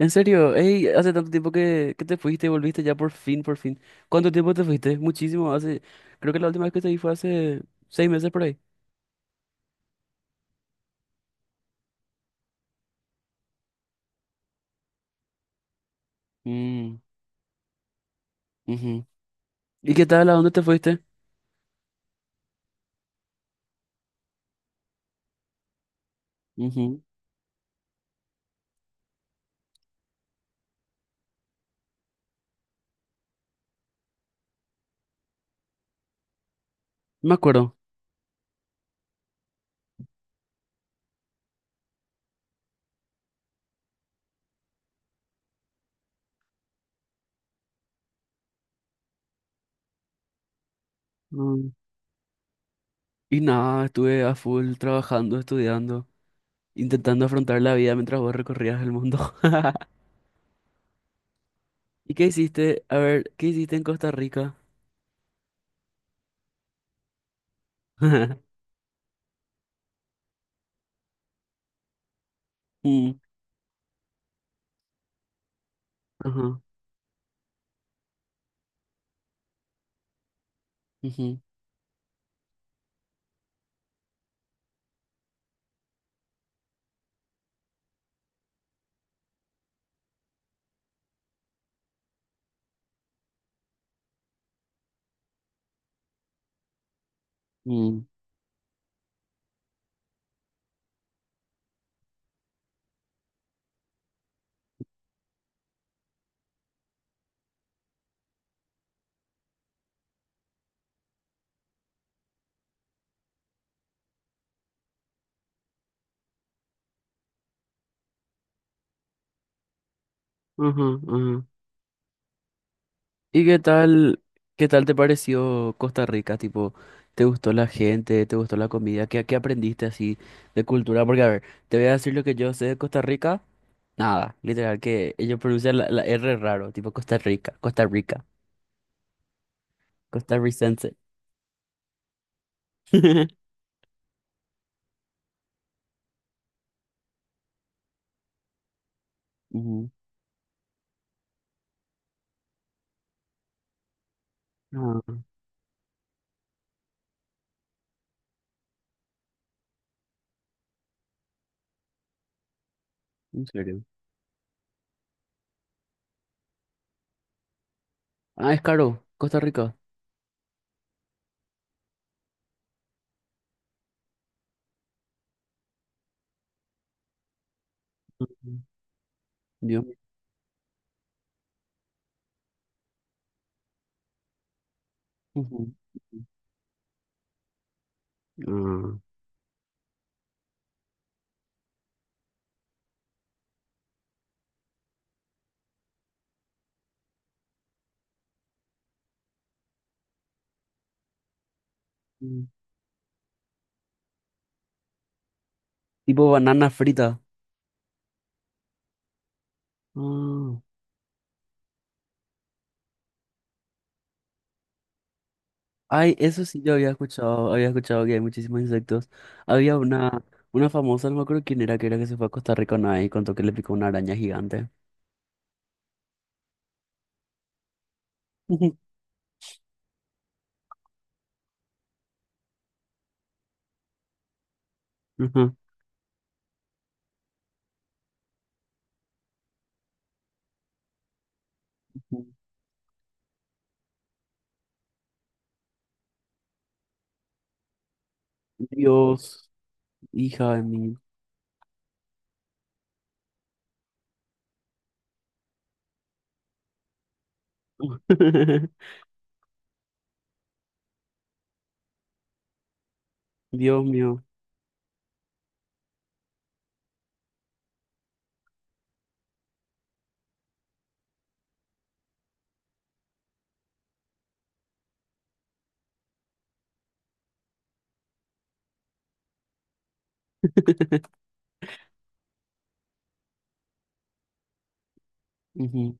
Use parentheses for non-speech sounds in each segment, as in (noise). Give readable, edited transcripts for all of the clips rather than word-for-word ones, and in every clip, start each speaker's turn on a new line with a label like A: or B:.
A: En serio, ey, hace tanto tiempo que te fuiste y volviste ya por fin, por fin. ¿Cuánto tiempo te fuiste? Muchísimo, creo que la última vez que te vi fue hace 6 meses por ahí. Mm, ujú. ¿Y qué tal? ¿A dónde te fuiste? Ujú. Me acuerdo. Mm. Y nada, estuve a full trabajando, estudiando, intentando afrontar la vida mientras vos recorrías el mundo. (laughs) ¿Y qué hiciste? A ver, ¿qué hiciste en Costa Rica? (laughs) Mm, ajá, ujú, mm, ajá, ajá. ¿Y qué tal te pareció Costa Rica? Tipo, ¿te gustó la gente? ¿Te gustó la comida? ¿Qué aprendiste así de cultura? Porque, a ver, te voy a decir lo que yo sé de Costa Rica. Nada, literal, que ellos pronuncian la R raro, tipo Costa Rica, Costa Rica, costarricense. (laughs) Ujú. No, en serio. Ah, es caro, Costa Rica. Ujú. Dios mío. Ujú. Ah. Mm. Tipo banana frita. Ay, eso sí yo había escuchado que hay muchísimos insectos. Había una famosa, no me acuerdo quién era que se fue a Costa Rica una vez y contó que le picó una araña gigante. (laughs) Ujú. Ajá. Dios, hija de mí. (laughs) Dios mío. (laughs) Ujú,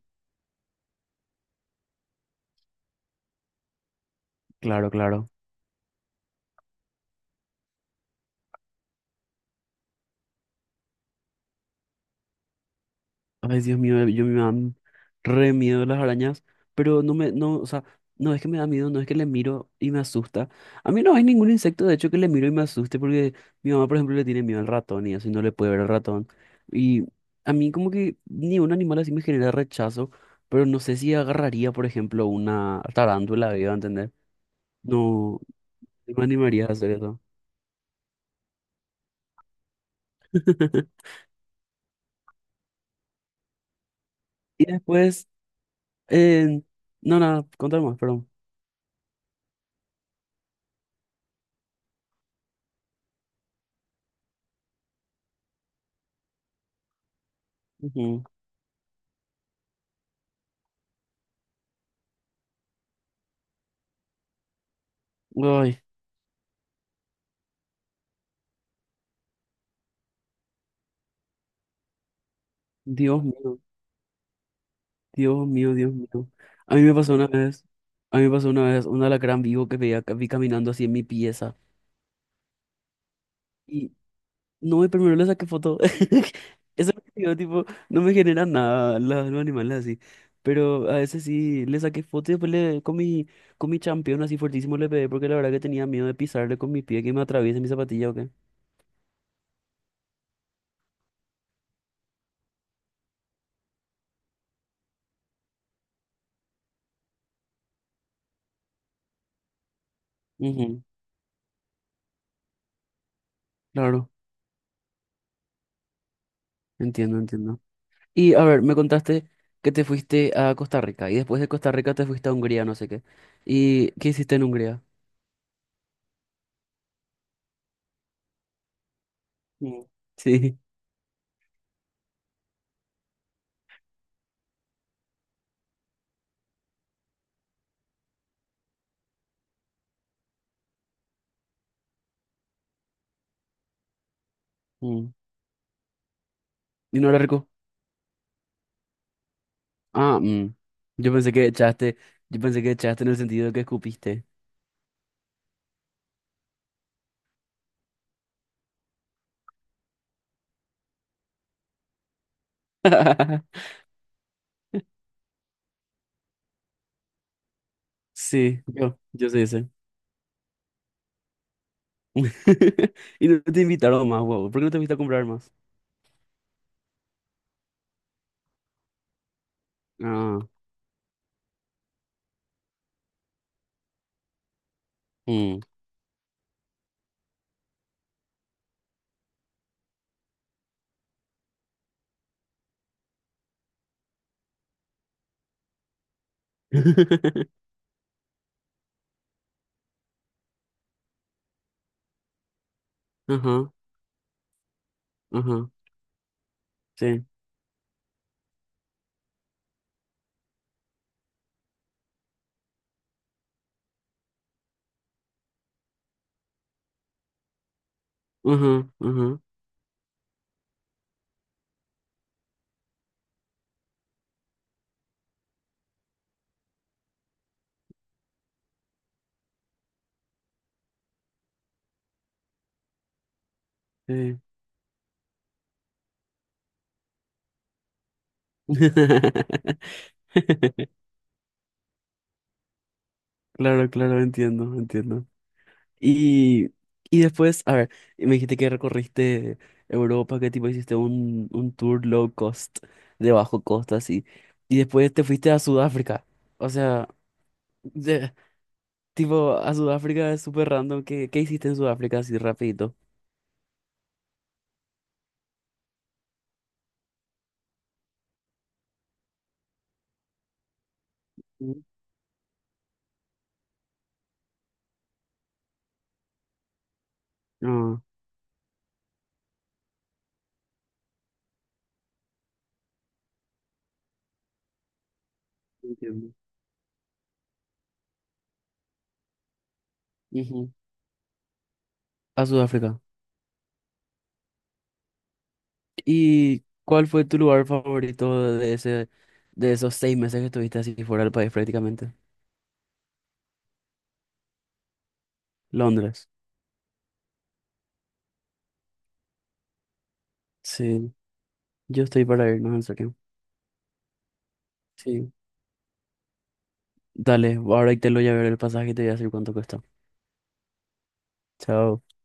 A: claro, claro. Ay, Dios mío, yo me dan re miedo las arañas, pero no, o sea, no es que me da miedo, no es que le miro y me asusta. A mí no hay ningún insecto, de hecho, que le miro y me asuste, porque mi mamá, por ejemplo, le tiene miedo al ratón y así no le puede ver al ratón. Y a mí como que ni un animal así me genera rechazo, pero no sé si agarraría, por ejemplo, una tarántula, ¿iba a entender? No, no me animaría a hacer eso. (laughs) Y después, eh, no, nada, contar más, perdón. Ujú. Ay, Dios mío. Dios mío, Dios mío. A mí me pasó una vez, a mí me pasó una vez un alacrán vivo que vi caminando así en mi pieza. Y no, y primero le saqué foto. (laughs) Eso es lo que digo, tipo, no me genera nada la- los animales así. Pero a veces sí le saqué foto y después le, con mi champión así fuertísimo le pegué porque la verdad que tenía miedo de pisarle con mi pie que me atraviese mi zapatilla o qué. Ujú, claro, entiendo, entiendo. Y a ver, me contaste que te fuiste a Costa Rica y después de Costa Rica te fuiste a Hungría, no sé qué. ¿Y qué hiciste en Hungría? Mm. (laughs) Sí. Mm. ¿Y no era rico? Ah, mm. Yo pensé que echaste, yo pensé que echaste en el sentido de que escupiste. (laughs) Sí, yo sé ese. (laughs) Y no te invitaron más, wow. ¿Por qué no te fuiste a comprar más? Ah, mm. (laughs) Ajá, ajá, sí. Ajá, ajá, sí. (laughs) Claro, claro, entiendo, entiendo. Y, y después, a ver, me dijiste que recorriste Europa, que tipo hiciste un tour low cost, de bajo costo así. Y después te fuiste a Sudáfrica. O sea, de- tipo, a Sudáfrica es súper random. ¿Qué, qué hiciste en Sudáfrica así rapidito? Ujú. Ah, entiendo. Ujú. A Sudáfrica. ¿Y cuál fue tu lugar favorito de ese, de esos 6 meses que estuviste así fuera del país prácticamente? Londres. Sí, yo estoy para irnos en serio. Dale, ahora te lo voy a ver el pasaje y te voy a decir cuánto cuesta. Chao.